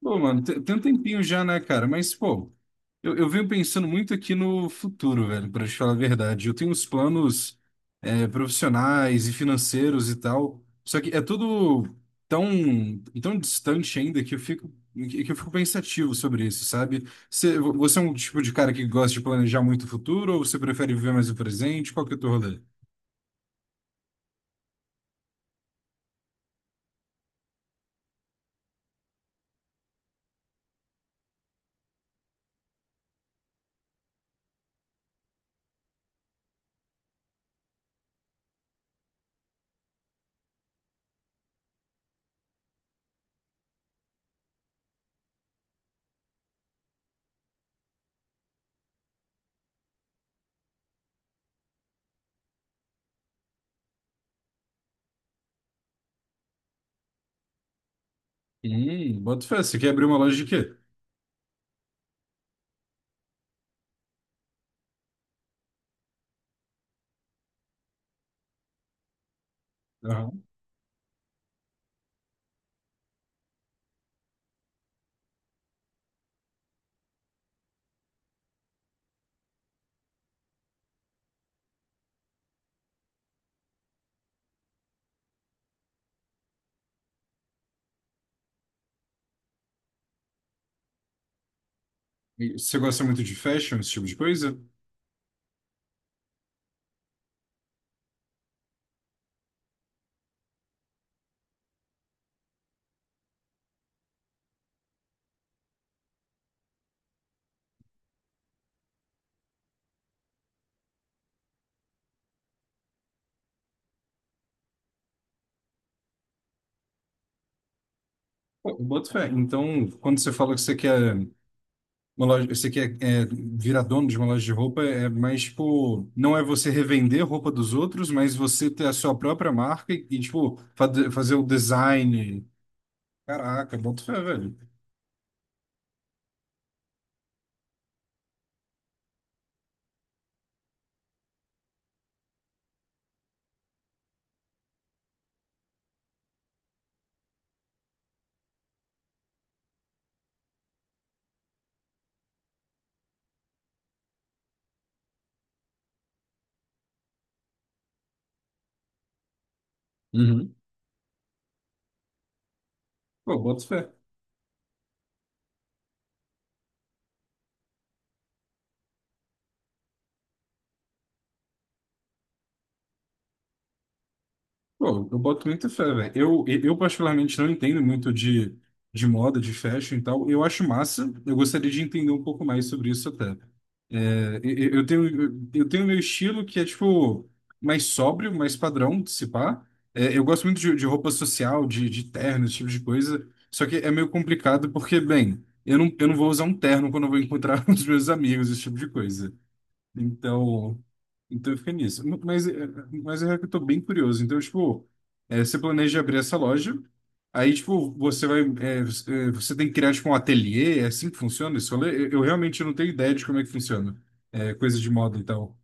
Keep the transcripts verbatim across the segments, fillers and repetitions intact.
Pô, mano, tem tem um tempinho já, né, cara? Mas, pô, eu, eu venho pensando muito aqui no futuro, velho, pra te falar a verdade. Eu tenho uns planos, é, profissionais e financeiros e tal, só que é tudo tão, tão distante ainda que eu fico, que eu fico pensativo sobre isso, sabe? Você, você é um tipo de cara que gosta de planejar muito o futuro ou você prefere viver mais o presente? Qual que é o teu rolê? Hum, bota fé, você quer abrir uma loja de quê? Aham. E você gosta muito de fashion, esse tipo de coisa? Pô, eu boto fé. Então, quando você fala que você quer uma loja, você quer é, virar dono de uma loja de roupa, é mais tipo, não é você revender roupa dos outros, mas você ter a sua própria marca e, e, tipo, fa- fazer o design. Caraca, boto fé, velho. Uhum. Pô, boto fé. Pô, eu boto muita fé, velho. Eu, eu particularmente não entendo muito de, de moda, de fashion e tal. Eu acho massa. Eu gostaria de entender um pouco mais sobre isso até. É, eu, eu tenho, eu tenho meu estilo que é, tipo, mais sóbrio, mais padrão, se pá. É, eu gosto muito de, de roupa social, de, de terno, esse tipo de coisa. Só que é meio complicado porque, bem, eu não, eu não vou usar um terno quando eu vou encontrar os meus amigos, esse tipo de coisa. Então, então fica nisso. Mas, é- mas é que eu tô bem curioso. Então, tipo, é, você planeja abrir essa loja, aí, tipo, você vai, é, você é, você tem que criar, tipo, um ateliê, é assim que funciona isso? Eu, eu realmente não tenho ideia de como é que funciona. É, coisa de moda e tal.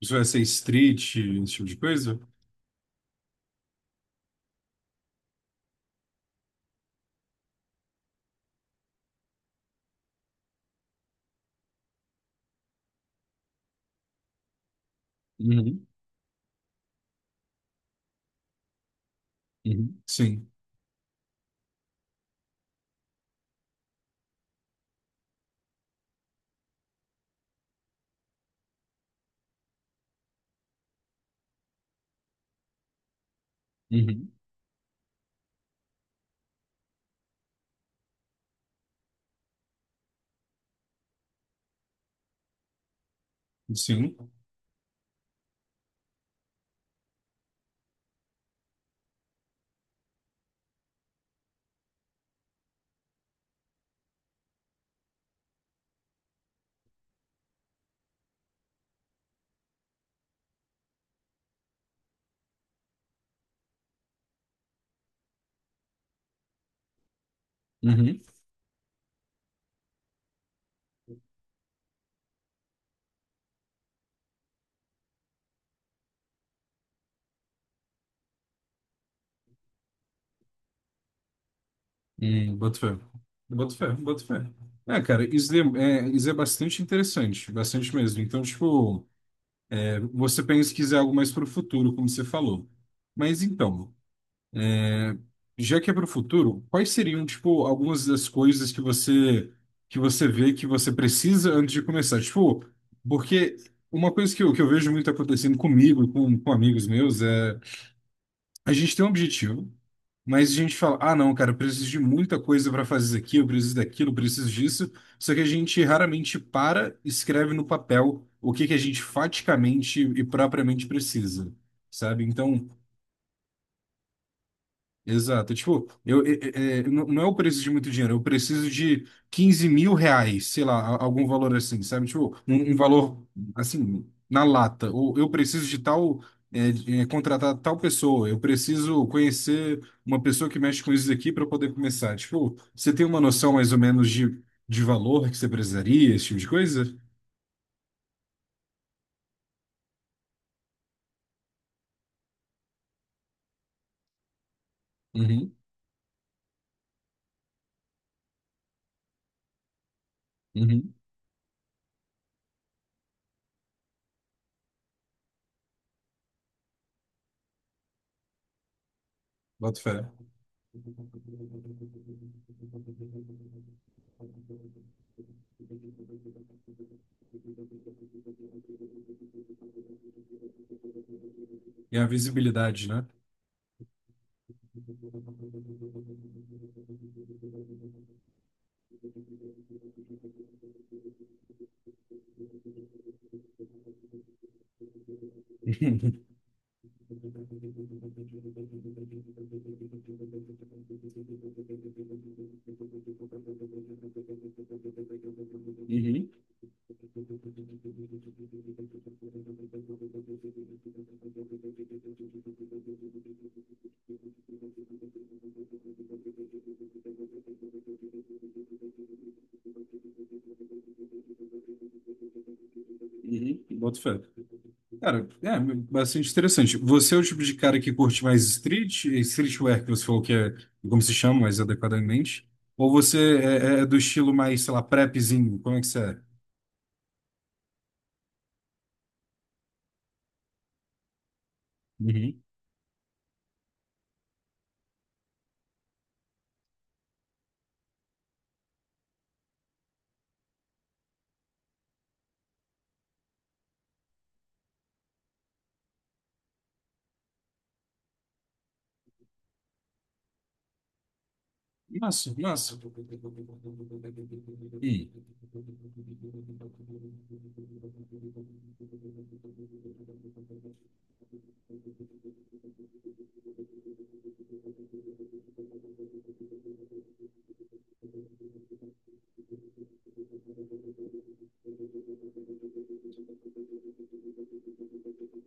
Isso vai ser street, esse tipo de coisa? Uhum, uhum, sim, uhum, sim, uhum, uhum. Hum, boto fé. Boto fé, boto fé. É, cara, isso é, é- isso é bastante interessante, bastante mesmo. Então, tipo. Você pensa pesquisar algo mais para o futuro, como você falou. Mas então, é, já que é para o futuro, quais seriam, tipo, algumas das coisas que você que você vê que você precisa antes de começar? Tipo, porque uma coisa que eu, que eu vejo muito acontecendo comigo e com, com amigos meus é a gente tem um objetivo, mas a gente fala, ah, não, cara, eu preciso de muita coisa para fazer isso aqui, eu preciso daquilo, eu preciso disso. Só que a gente raramente para, e escreve no papel o que que a gente faticamente e propriamente precisa, sabe? Então, exato. Tipo, eu, é- é- é, não não é eu preciso de muito dinheiro, eu preciso de quinze mil reais, sei lá, a- algum valor assim, sabe? Tipo, um, um valor assim, na lata. Ou eu preciso de tal, é, de- é, contratar tal pessoa, eu preciso conhecer uma pessoa que mexe com isso daqui para poder começar. Tipo, você tem uma noção mais ou menos de, de valor que você precisaria, esse tipo de coisa? Uhum, uhum. Boto fé. E a visibilidade, né? Uhum. Uhum, boto fé. Cara, é bastante interessante. Você é o tipo de cara que curte mais street, streetwear, que você falou que é como se chama mais adequadamente? Ou você é, é do estilo mais, sei lá, prepzinho? Como é que você é? Uhum. Massa, massa. E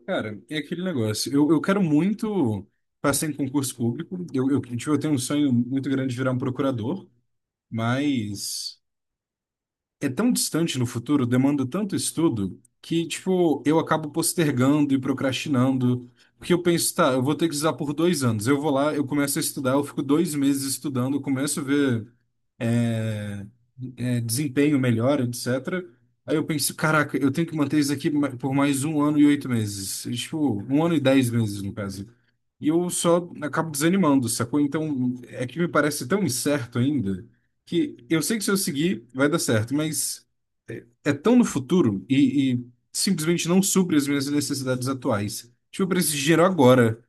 Cara, é aquele negócio. Eu, eu quero muito passar em concurso público. Eu, eu, tipo, eu tenho um sonho muito grande de virar um procurador, mas é tão distante no futuro, demanda tanto estudo, que, tipo, eu acabo postergando e procrastinando. Porque eu penso, tá, eu vou ter que usar por dois anos. Eu vou lá, eu começo a estudar, eu fico dois meses estudando, eu começo a ver é, é, desempenho melhor, etcétera. Aí eu pensei, caraca, eu tenho que manter isso aqui ma- por mais um ano e oito meses. Tipo, um ano e dez meses, no caso. E eu só acabo desanimando, sacou? Então, é que me parece tão incerto ainda, que eu sei que se eu seguir, vai dar certo, mas é tão no futuro e, e simplesmente não supre as minhas necessidades atuais. Tipo, eu preciso de dinheiro agora.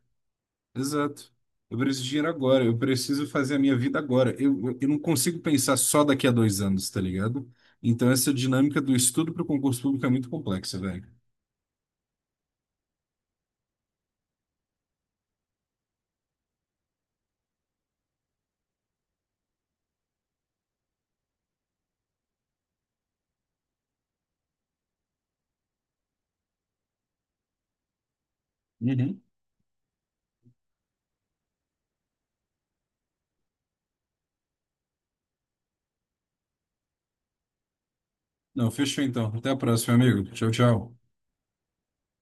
Exato. Eu preciso de dinheiro agora, eu preciso fazer a minha vida agora. Eu, eu, eu não consigo pensar só daqui a dois anos, tá ligado? Então essa dinâmica do estudo para o concurso público é muito complexa, velho. Uhum. Não, fechou então. Até a próxima, amigo. Tchau, tchau.